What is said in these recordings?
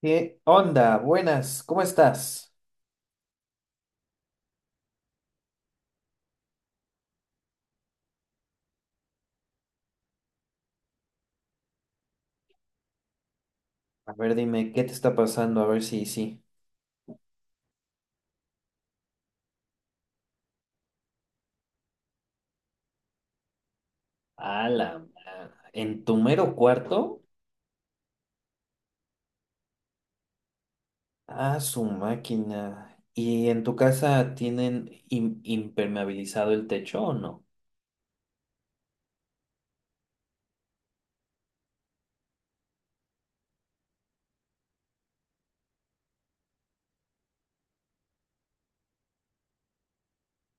¿Qué onda? Buenas, ¿cómo estás? A ver, dime, ¿qué te está pasando? A ver si sí. ¿En tu mero cuarto? Ah, su máquina. ¿Y en tu casa tienen impermeabilizado el techo o no?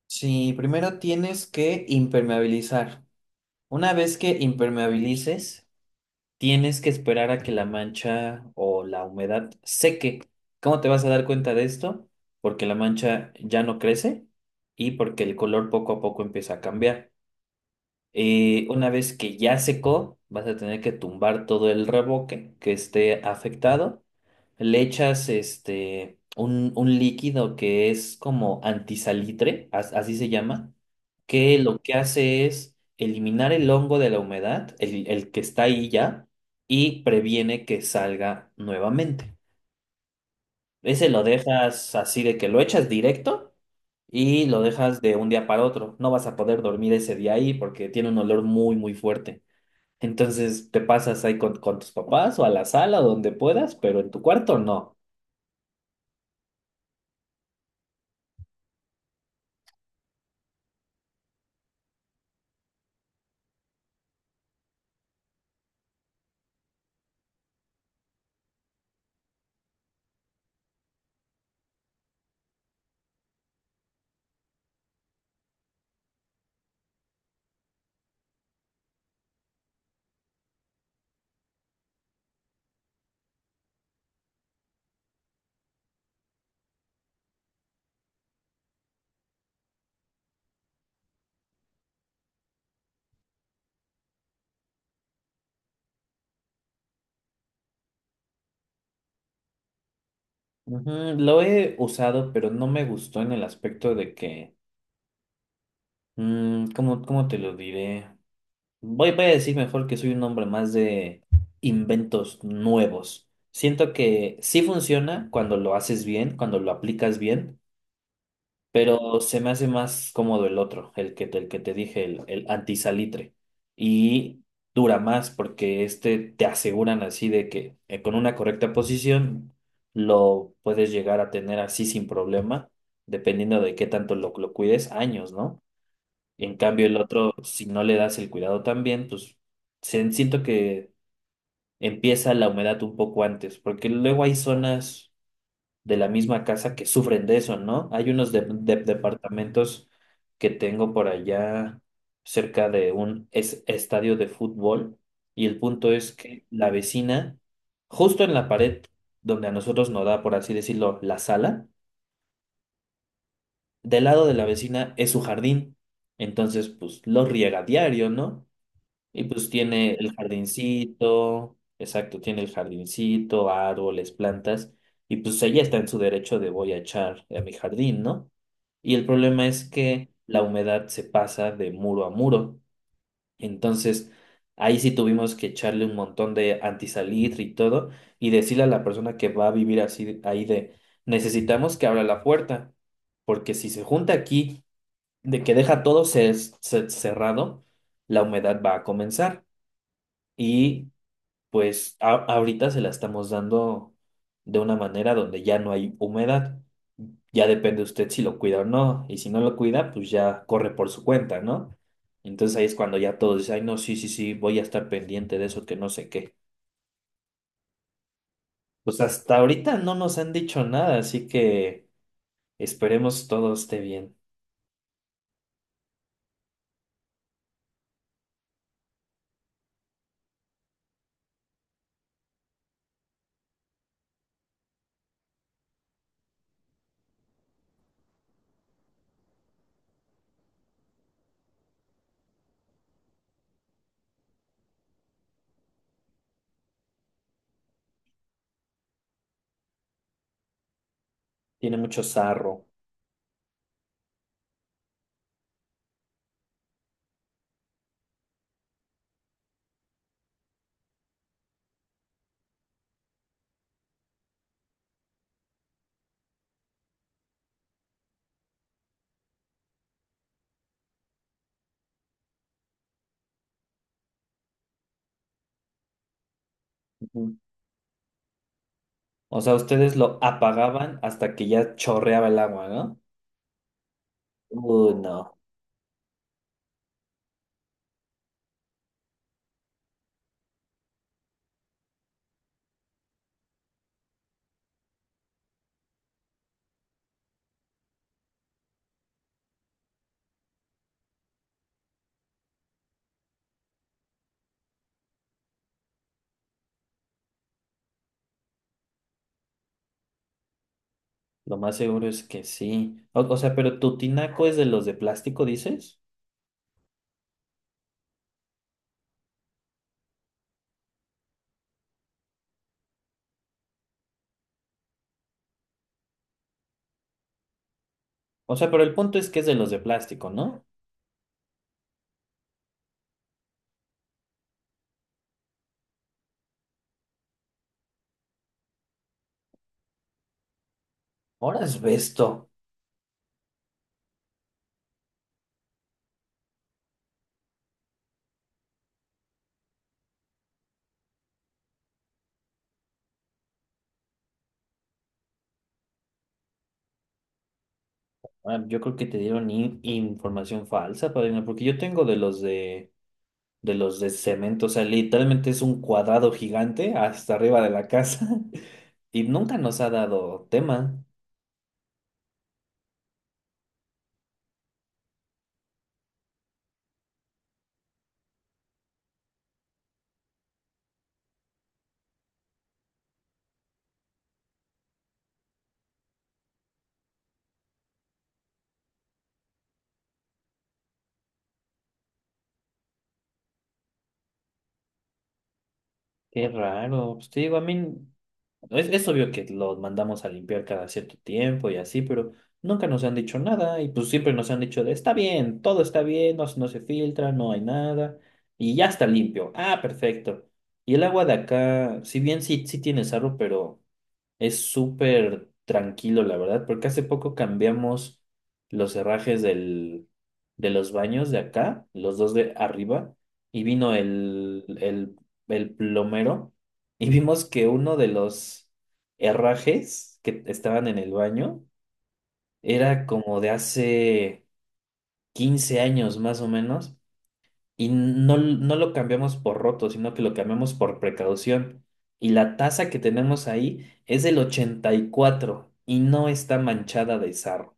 Sí, primero tienes que impermeabilizar. Una vez que impermeabilices, tienes que esperar a que la mancha o la humedad seque. ¿Cómo te vas a dar cuenta de esto? Porque la mancha ya no crece y porque el color poco a poco empieza a cambiar. Una vez que ya secó, vas a tener que tumbar todo el reboque que esté afectado. Le echas este, un líquido que es como antisalitre, así se llama, que lo que hace es eliminar el hongo de la humedad, el que está ahí ya, y previene que salga nuevamente. Ese lo dejas así de que lo echas directo y lo dejas de un día para otro. No vas a poder dormir ese día ahí porque tiene un olor muy, muy fuerte. Entonces te pasas ahí con tus papás o a la sala o donde puedas, pero en tu cuarto no. Ujú. Lo he usado, pero no me gustó en el aspecto de que, cómo te lo diré? Voy a decir mejor que soy un hombre más de inventos nuevos. Siento que sí funciona cuando lo haces bien, cuando lo aplicas bien, pero se me hace más cómodo el otro, el que te dije, el antisalitre. Y dura más porque este te aseguran así de que con una correcta posición lo puedes llegar a tener así sin problema, dependiendo de qué tanto lo cuides, años, ¿no? En cambio, el otro, si no le das el cuidado también, pues siento que empieza la humedad un poco antes, porque luego hay zonas de la misma casa que sufren de eso, ¿no? Hay unos departamentos que tengo por allá cerca de un estadio de fútbol y el punto es que la vecina, justo en la pared donde a nosotros nos da, por así decirlo, la sala, del lado de la vecina es su jardín, entonces pues lo riega diario, ¿no? Y pues tiene el jardincito, exacto, tiene el jardincito, árboles, plantas, y pues ella está en su derecho de voy a echar a mi jardín, ¿no? Y el problema es que la humedad se pasa de muro a muro. Entonces, ahí sí tuvimos que echarle un montón de antisalitre y todo, y decirle a la persona que va a vivir así ahí de necesitamos que abra la puerta, porque si se junta aquí, de que deja todo cerrado, la humedad va a comenzar. Y pues ahorita se la estamos dando de una manera donde ya no hay humedad. Ya depende usted si lo cuida o no. Y si no lo cuida, pues ya corre por su cuenta, ¿no? Entonces ahí es cuando ya todos dicen, ay, no, sí, sí, sí, voy a estar pendiente de eso, que no sé qué. Pues hasta ahorita no nos han dicho nada, así que esperemos todo esté bien. Tiene mucho sarro. Ujú. O sea, ustedes lo apagaban hasta que ya chorreaba el agua, ¿no? No. Lo más seguro es que sí. O sea, pero tu tinaco es de los de plástico, dices. O sea, pero el punto es que es de los de plástico, ¿no? Ahora es. Ah, yo creo que te dieron información falsa, padrino, porque yo tengo de los de cemento. O sea, literalmente es un cuadrado gigante hasta arriba de la casa. Y nunca nos ha dado tema. Qué raro. Pues te digo, a mí. Es obvio que los mandamos a limpiar cada cierto tiempo y así, pero nunca nos han dicho nada y pues siempre nos han dicho de, está bien, todo está bien, no, no se filtra, no hay nada y ya está limpio. Ah, perfecto. Y el agua de acá, si bien sí, sí tiene sarro, pero... Es súper tranquilo, la verdad, porque hace poco cambiamos los herrajes de los baños de acá, los dos de arriba, y vino el plomero y vimos que uno de los herrajes que estaban en el baño era como de hace 15 años más o menos, y no, no lo cambiamos por roto, sino que lo cambiamos por precaución. Y la taza que tenemos ahí es del 84 y cuatro y no está manchada de sarro.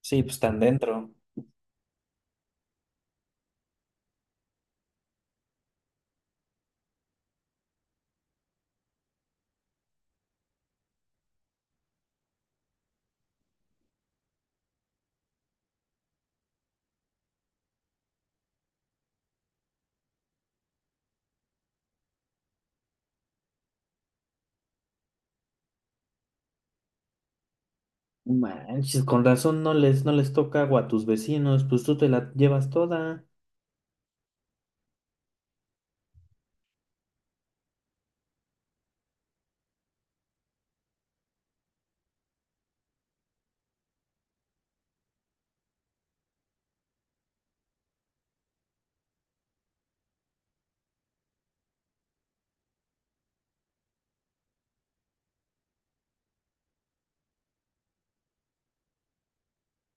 Sí, pues están dentro. Manches, con razón no les, no les toca agua a tus vecinos, pues tú te la llevas toda.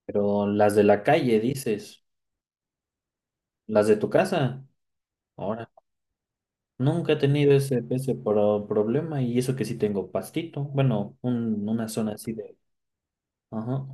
Pero las de la calle, dices, las de tu casa. Ahora, nunca he tenido ese, ese problema y eso que sí tengo pastito. Bueno, una zona así de... Ajá.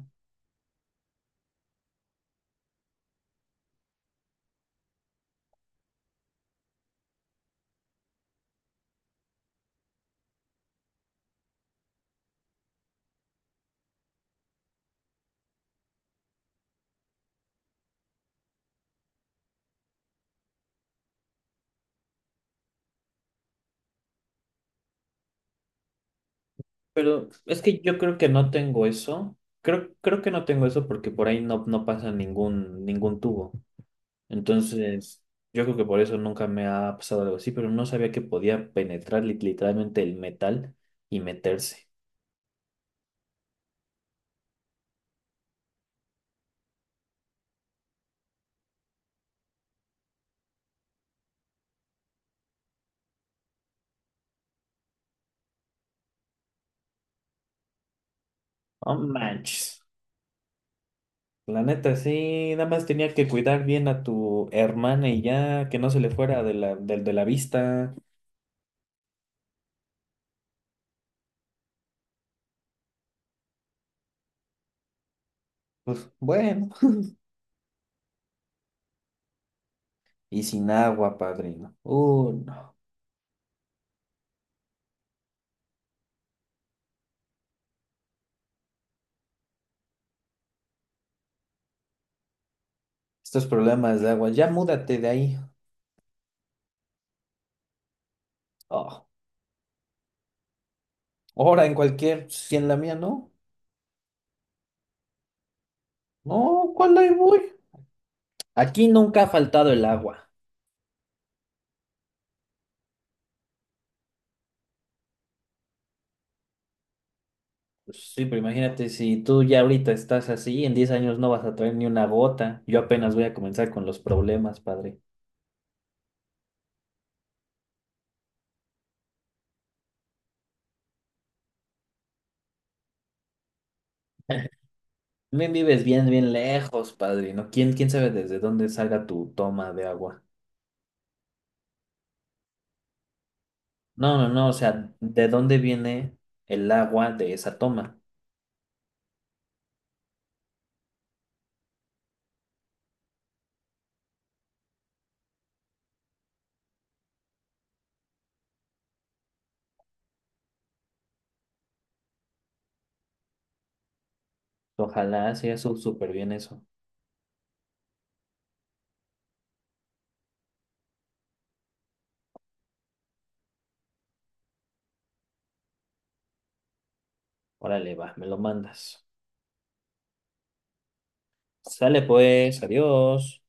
Pero es que yo creo que no tengo eso. Creo que no tengo eso porque por ahí no, no pasa ningún, ningún tubo. Entonces, yo creo que por eso nunca me ha pasado algo así, pero no sabía que podía penetrar literalmente el metal y meterse. Oh, manches. La neta, sí, nada más tenía que cuidar bien a tu hermana y ya, que no se le fuera de la, de la vista. Pues bueno. Y sin agua, padrino. No. Estos problemas de agua. Ya múdate de ahí. Oh. Ahora en cualquier, si en la mía no. No, ¿cuál ahí voy? Aquí nunca ha faltado el agua. Pues sí, pero imagínate si tú ya ahorita estás así, en 10 años no vas a traer ni una gota. Yo apenas voy a comenzar con los problemas, padre. También vives bien, bien lejos, padre, ¿no? Quién sabe desde dónde salga tu toma de agua? No, no, no, o sea, ¿de dónde viene el agua de esa toma? Ojalá sea súper bien eso. Órale, va, me lo mandas. Sale pues, adiós.